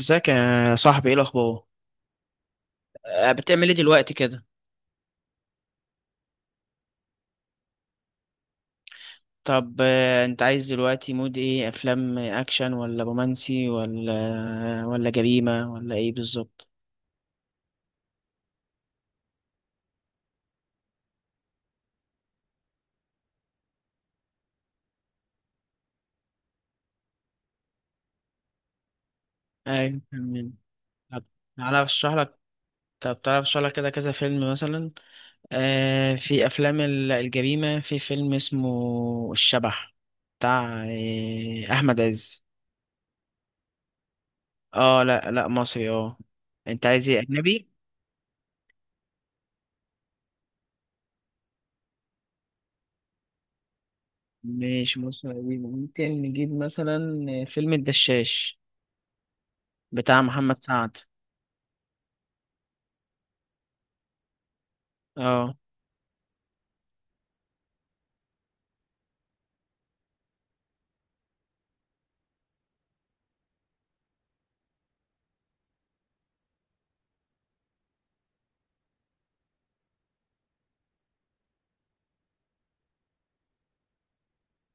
ازيك يا صاحبي، ايه الاخبار؟ بتعمل ايه دلوقتي كده؟ طب انت عايز دلوقتي مود ايه، افلام اكشن ولا رومانسي ولا جريمه ولا ايه بالظبط؟ ايوه، فاهمين. طب تعالى اشرح لك. كده كذا فيلم مثلا. آه، في افلام الجريمه، في فيلم اسمه الشبح، بتاع احمد عز. اه، لا لا، مصري، اه. انت عايز ايه، اجنبي؟ مش مسلسل قديم، ممكن نجيب مثلا فيلم الدشاش بتاع محمد سعد. اه،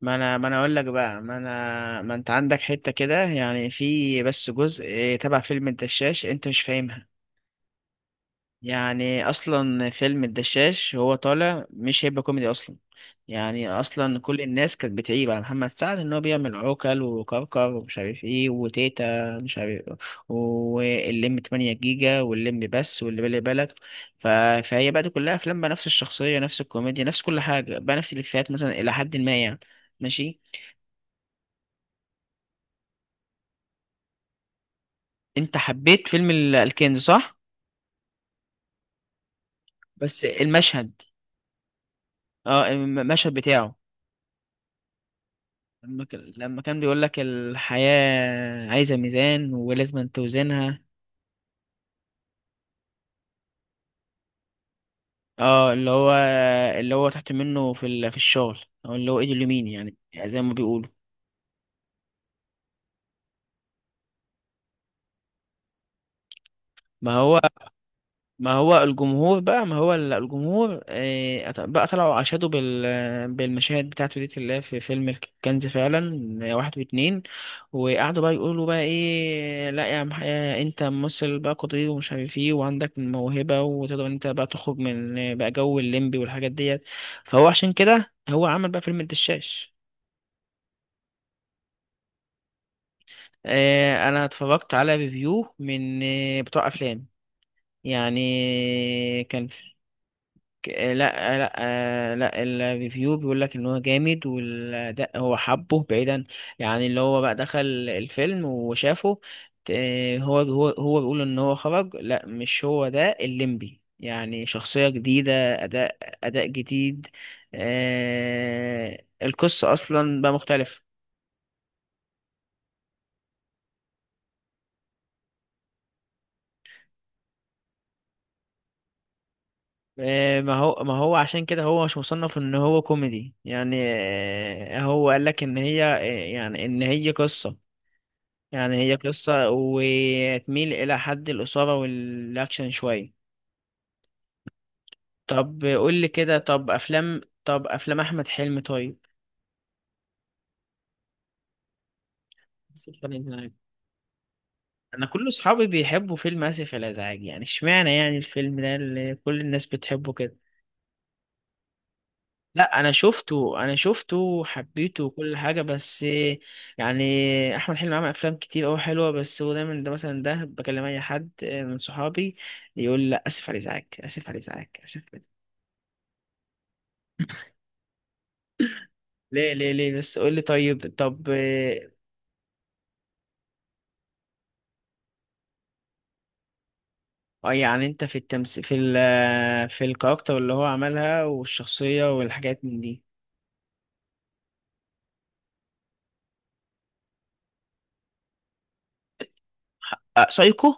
ما انا اقول لك بقى، ما انا ما انت عندك حتة كده يعني، في بس جزء تبع فيلم الدشاش انت مش فاهمها. يعني اصلا فيلم الدشاش هو طالع مش هيبقى كوميدي اصلا. يعني اصلا كل الناس كانت بتعيب على محمد سعد ان هو بيعمل عوكل وكركر ومش عارف ايه، وتيتا مش عارف، واللم 8 جيجا، واللم بس، واللي بالي بالك. ف... فهي بقى دي كلها افلام بقى، نفس الشخصيه، نفس الكوميديا، نفس كل حاجه بقى، نفس الافيهات مثلا الى حد ما يعني. ماشي. انت حبيت فيلم الكنز، صح؟ بس المشهد، اه المشهد بتاعه لما لما كان بيقول لك: الحياة عايزة ميزان ولازم توزنها. اه، اللي هو اللي هو تحت منه في الشغل، او اللي هو ايده اليمين يعني، يعني زي ما بيقولوا. ما هو ما هو الجمهور بقى، ما هو ال- الجمهور بقى طلعوا، عشادوا بال بالمشاهد بتاعته دي اللي هي في فيلم الكنز فعلا، واحد واتنين، وقعدوا بقى يقولوا بقى ايه: لا يا عم، انت ممثل بقى قدير ومش عارف ايه، وعندك موهبة، وتقدر انت بقى تخرج من بقى جو الليمبي والحاجات ديت. فهو عشان كده هو عمل بقى فيلم الدشاش. انا اتفرجت على ريفيو من بتوع افلام، يعني كان ك- آه، لا آه، لا لا الريفيو بيقول لك ان هو جامد، والاداء هو حبه بعيدا. يعني اللي هو بقى دخل الفيلم وشافه، هو بيقول ان هو خرج: لا مش هو ده الليمبي، يعني شخصية جديدة، اداء، اداء جديد. القصة اصلا بقى مختلفة. ما هو عشان كده هو مش مصنف ان هو كوميدي يعني. هو قال لك ان هي يعني ان هي قصة، يعني هي قصة وتميل إلى حد الإثارة والأكشن شوية. طب قول لي كده، طب أفلام أحمد حلمي طيب. آسف على الإزعاج. أنا كل أصحابي بيحبوا فيلم آسف على الإزعاج، يعني إشمعنى يعني الفيلم ده اللي كل الناس بتحبه كده؟ لا أنا شفته، أنا شفته حبيته وكل حاجة، بس يعني أحمد حلمي عمل أفلام كتير أوي حلوة، بس هو دايما ده، مثلا ده بكلم أي حد من صحابي يقول: لا آسف على الإزعاج، آسف على الإزعاج، آسف على الإزعاج. ليه ليه ليه؟ بس قول لي طيب. طب يعني انت في التمس في ال آه، في الكاركتر اللي هو عملها والشخصية والحاجات من دي. سايكو.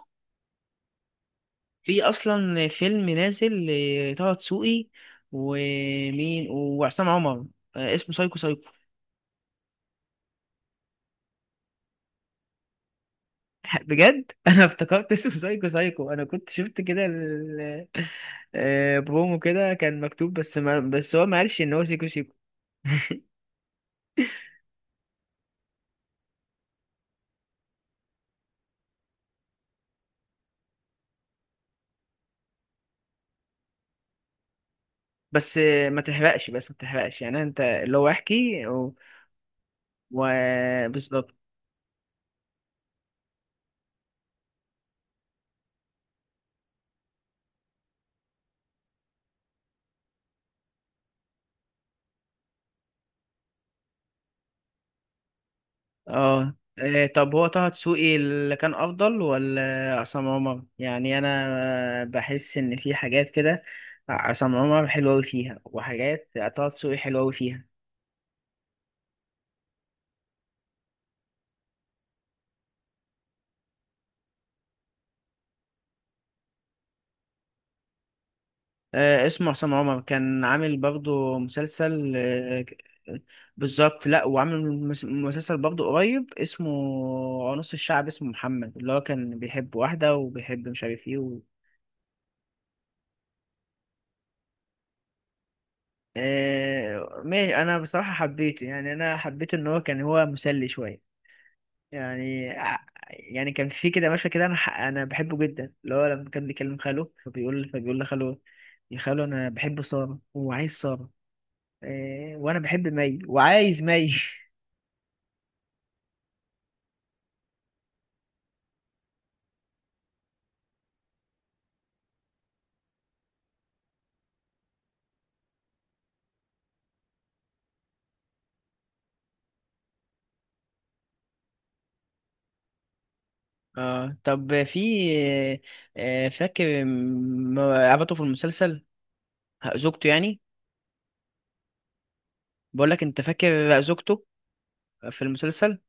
في اصلا فيلم نازل لطه دسوقي ومين وعصام عمر، اسمه سايكو سايكو. بجد انا افتكرت اسمه سايكو سايكو، انا كنت شفت كده برومو كده كان مكتوب، بس ما بس هو ما قالش ان هو سيكو سيكو. بس ما تحرقش، بس ما تحرقش يعني، انت اللي هو احكي وبالظبط. اه، طب هو طه دسوقي اللي كان افضل ولا عصام عمر؟ يعني انا بحس ان في حاجات كده عصام عمر حلو أوي فيها، وحاجات طه دسوقي حلو أوي فيها. اسمه عصام عمر كان عامل برضه مسلسل بالظبط، لا وعامل مسلسل برضه قريب، اسمه نص الشعب، اسمه محمد اللي هو كان بيحب واحدة وبيحب مش عارف ايه. ماشي، انا بصراحة حبيته يعني، انا حبيت ان هو كان هو مسلي شوية. يعني يعني كان في كده مشهد كده انا انا بحبه جدا، اللي هو لما كان بيكلم خاله فبيقول لخاله: يا خاله انا بحب سارة وعايز سارة، وانا بحب مي وعايز مي. اه طب في، فاكر عبته في المسلسل زوجته يعني؟ بقول لك، انت فاكر زوجته في المسلسل؟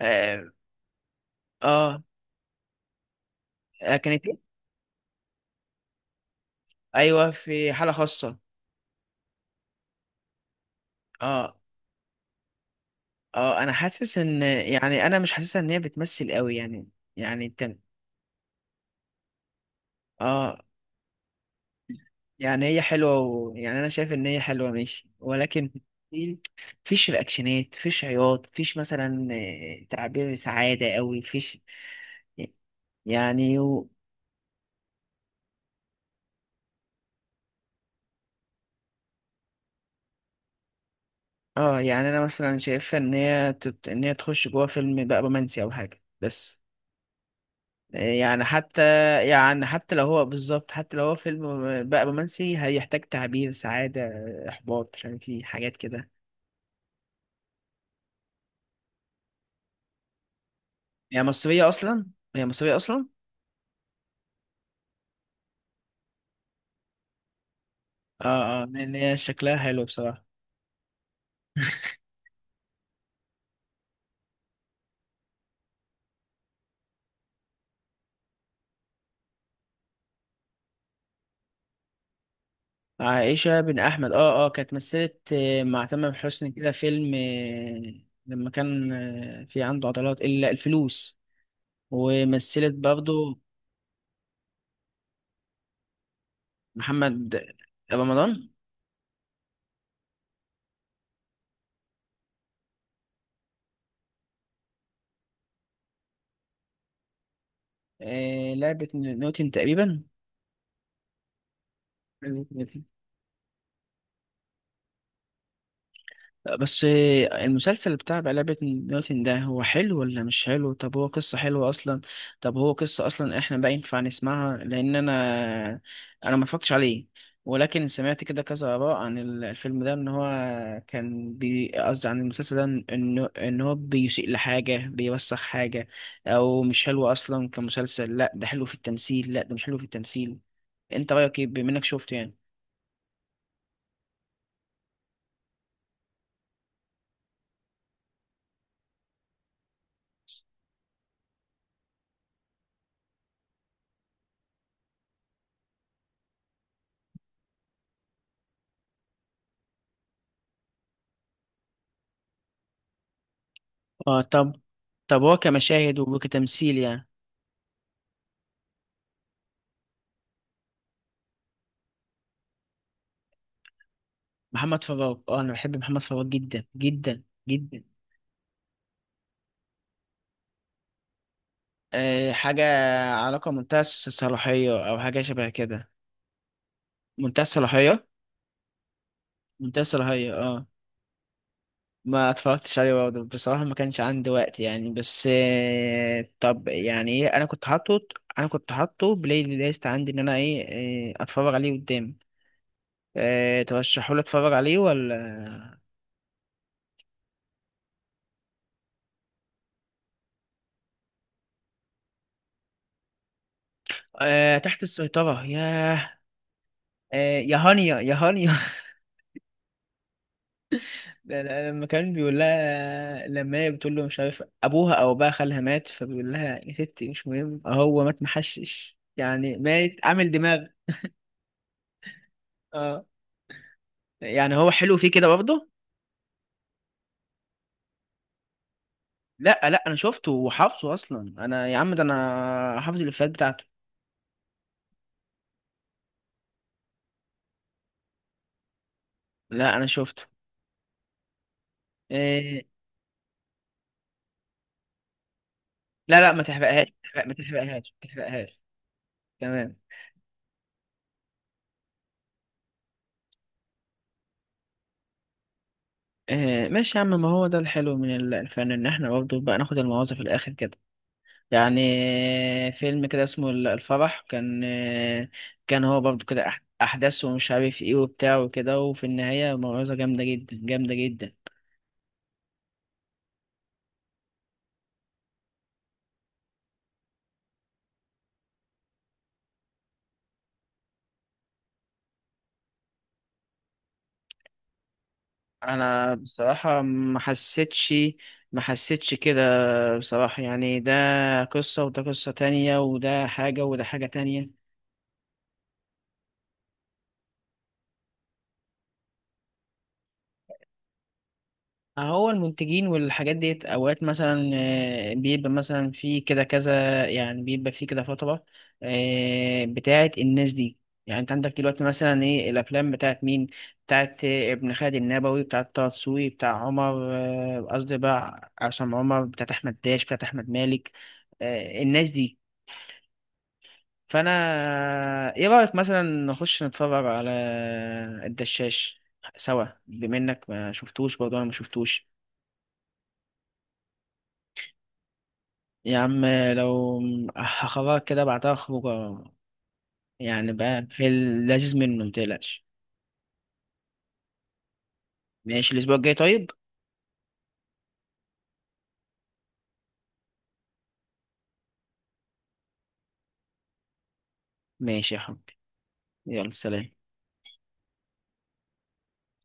اه. آه، آه، كانت، ايوه في حاله خاصه. اه اه، انا حاسس ان، يعني انا مش حاسسها ان هي بتمثل قوي يعني، يعني انت، اه. يعني هي حلوه، يعني انا شايف ان هي حلوه ماشي، ولكن في- فيش رياكشنات، فيش عياط، فيش مثلا تعبير سعاده قوي، فيش يعني اه. يعني انا مثلا شايفها ان هي ان هي تخش جوه فيلم بقى رومانسي او حاجه بس، يعني حتى، يعني حتى لو هو بالظبط، حتى لو هو فيلم بقى رومانسي هيحتاج تعبير سعادة، إحباط، مش عارف ايه، حاجات كده. هي مصرية أصلا هي مصرية أصلا؟ اه اه، لأن هي شكلها حلو بصراحة. عائشة بن أحمد، اه اه، كانت مثلت مع تامر حسني كده فيلم لما كان في عنده عضلات إلا الفلوس، ومثلت برضه محمد رمضان. لعبة نيوتن، تقريبا. بس المسلسل بتاع لعبة نيوتن ده هو حلو ولا مش حلو؟ طب هو قصة حلوة أصلا؟ طب هو قصة أصلا إحنا بقى ينفع نسمعها؟ لأن أنا، أنا ما اتفرجتش عليه، ولكن سمعت كده كذا آراء عن الفيلم ده إن هو كان، بي قصدي عن المسلسل ده، إن هو بيسيء لحاجة، بيوسخ حاجة، أو مش حلو أصلا كمسلسل، لأ ده حلو في التمثيل، لأ ده مش حلو في التمثيل. أنت رأيك إيه بما إنك شفته يعني؟ آه طب، طب هو كمشاهد وكتمثيل يعني. محمد فراج، اه انا بحب محمد فراج جدا جدا جدا. أه حاجه، علاقه، منتهى الصلاحيه او حاجه شبه كده. منتهى الصلاحيه، منتهى الصلاحيه، اه ما اتفرجتش عليه برضه بصراحه، ما كانش عندي وقت يعني، بس أه طب يعني ايه، انا كنت حاطه، انا كنت حاطه بلاي ليست عندي ان انا ايه اتفرج عليه قدام. أه ترشحوا لي اتفرج عليه ولا؟ أه تحت السيطره، ياه. يا هانيا يا هانيا، ده ده لما كان بيقول لها، لما هي بتقول له مش عارف ابوها او بقى خالها مات، فبيقول لها: يا ستي مش مهم، هو مات محشش، يعني مات عامل دماغ. اه، يعني هو حلو فيه كده برضه. لا لا انا شفته وحافظه، اصلا انا يا عم، ده انا حافظ الافيهات بتاعته. لا انا شفته. إيه... لا لا، ما تحرقهاش، ما تحرقهاش، ما تحرقهاش. تمام. إيه... ماشي يا عم، ما هو ده الحلو من الفن ان احنا برضه بقى ناخد المواضيع في الاخر كده يعني. فيلم كده اسمه الفرح، كان كان هو برضو كده أحداث ومش عارف إيه وبتاع وكده، وفي النهاية موعظة جامدة جدا، جامدة جدا. أنا بصراحة ما حسيتش، ما حسيتش كده بصراحة، يعني ده قصة، وده قصة تانية، وده حاجة، وده حاجة تانية. هو المنتجين والحاجات ديت اوقات مثلا، بيبقى مثلا في كده كذا، يعني بيبقى في كده فترة بتاعت الناس دي. يعني انت عندك دلوقتي مثلا ايه، الافلام بتاعت مين؟ بتاعت ابن خالد النبوي، بتاعت طه دسوقي، بتاع عمر، قصدي بقى عصام عمر، بتاعت احمد داش، بتاعت احمد مالك، الناس دي. فانا، ايه رأيك مثلا نخش نتفرج على الدشاش سوا، بما انك ما شفتوش، برضه انا ما شفتوش. يا عم لو، هخرجك كده بعتها خروجة، يعني بقى في اللذيذ منه متقلقش. ماشي الأسبوع الجاي طيب. ماشي يا حبيبي، يلا سلام.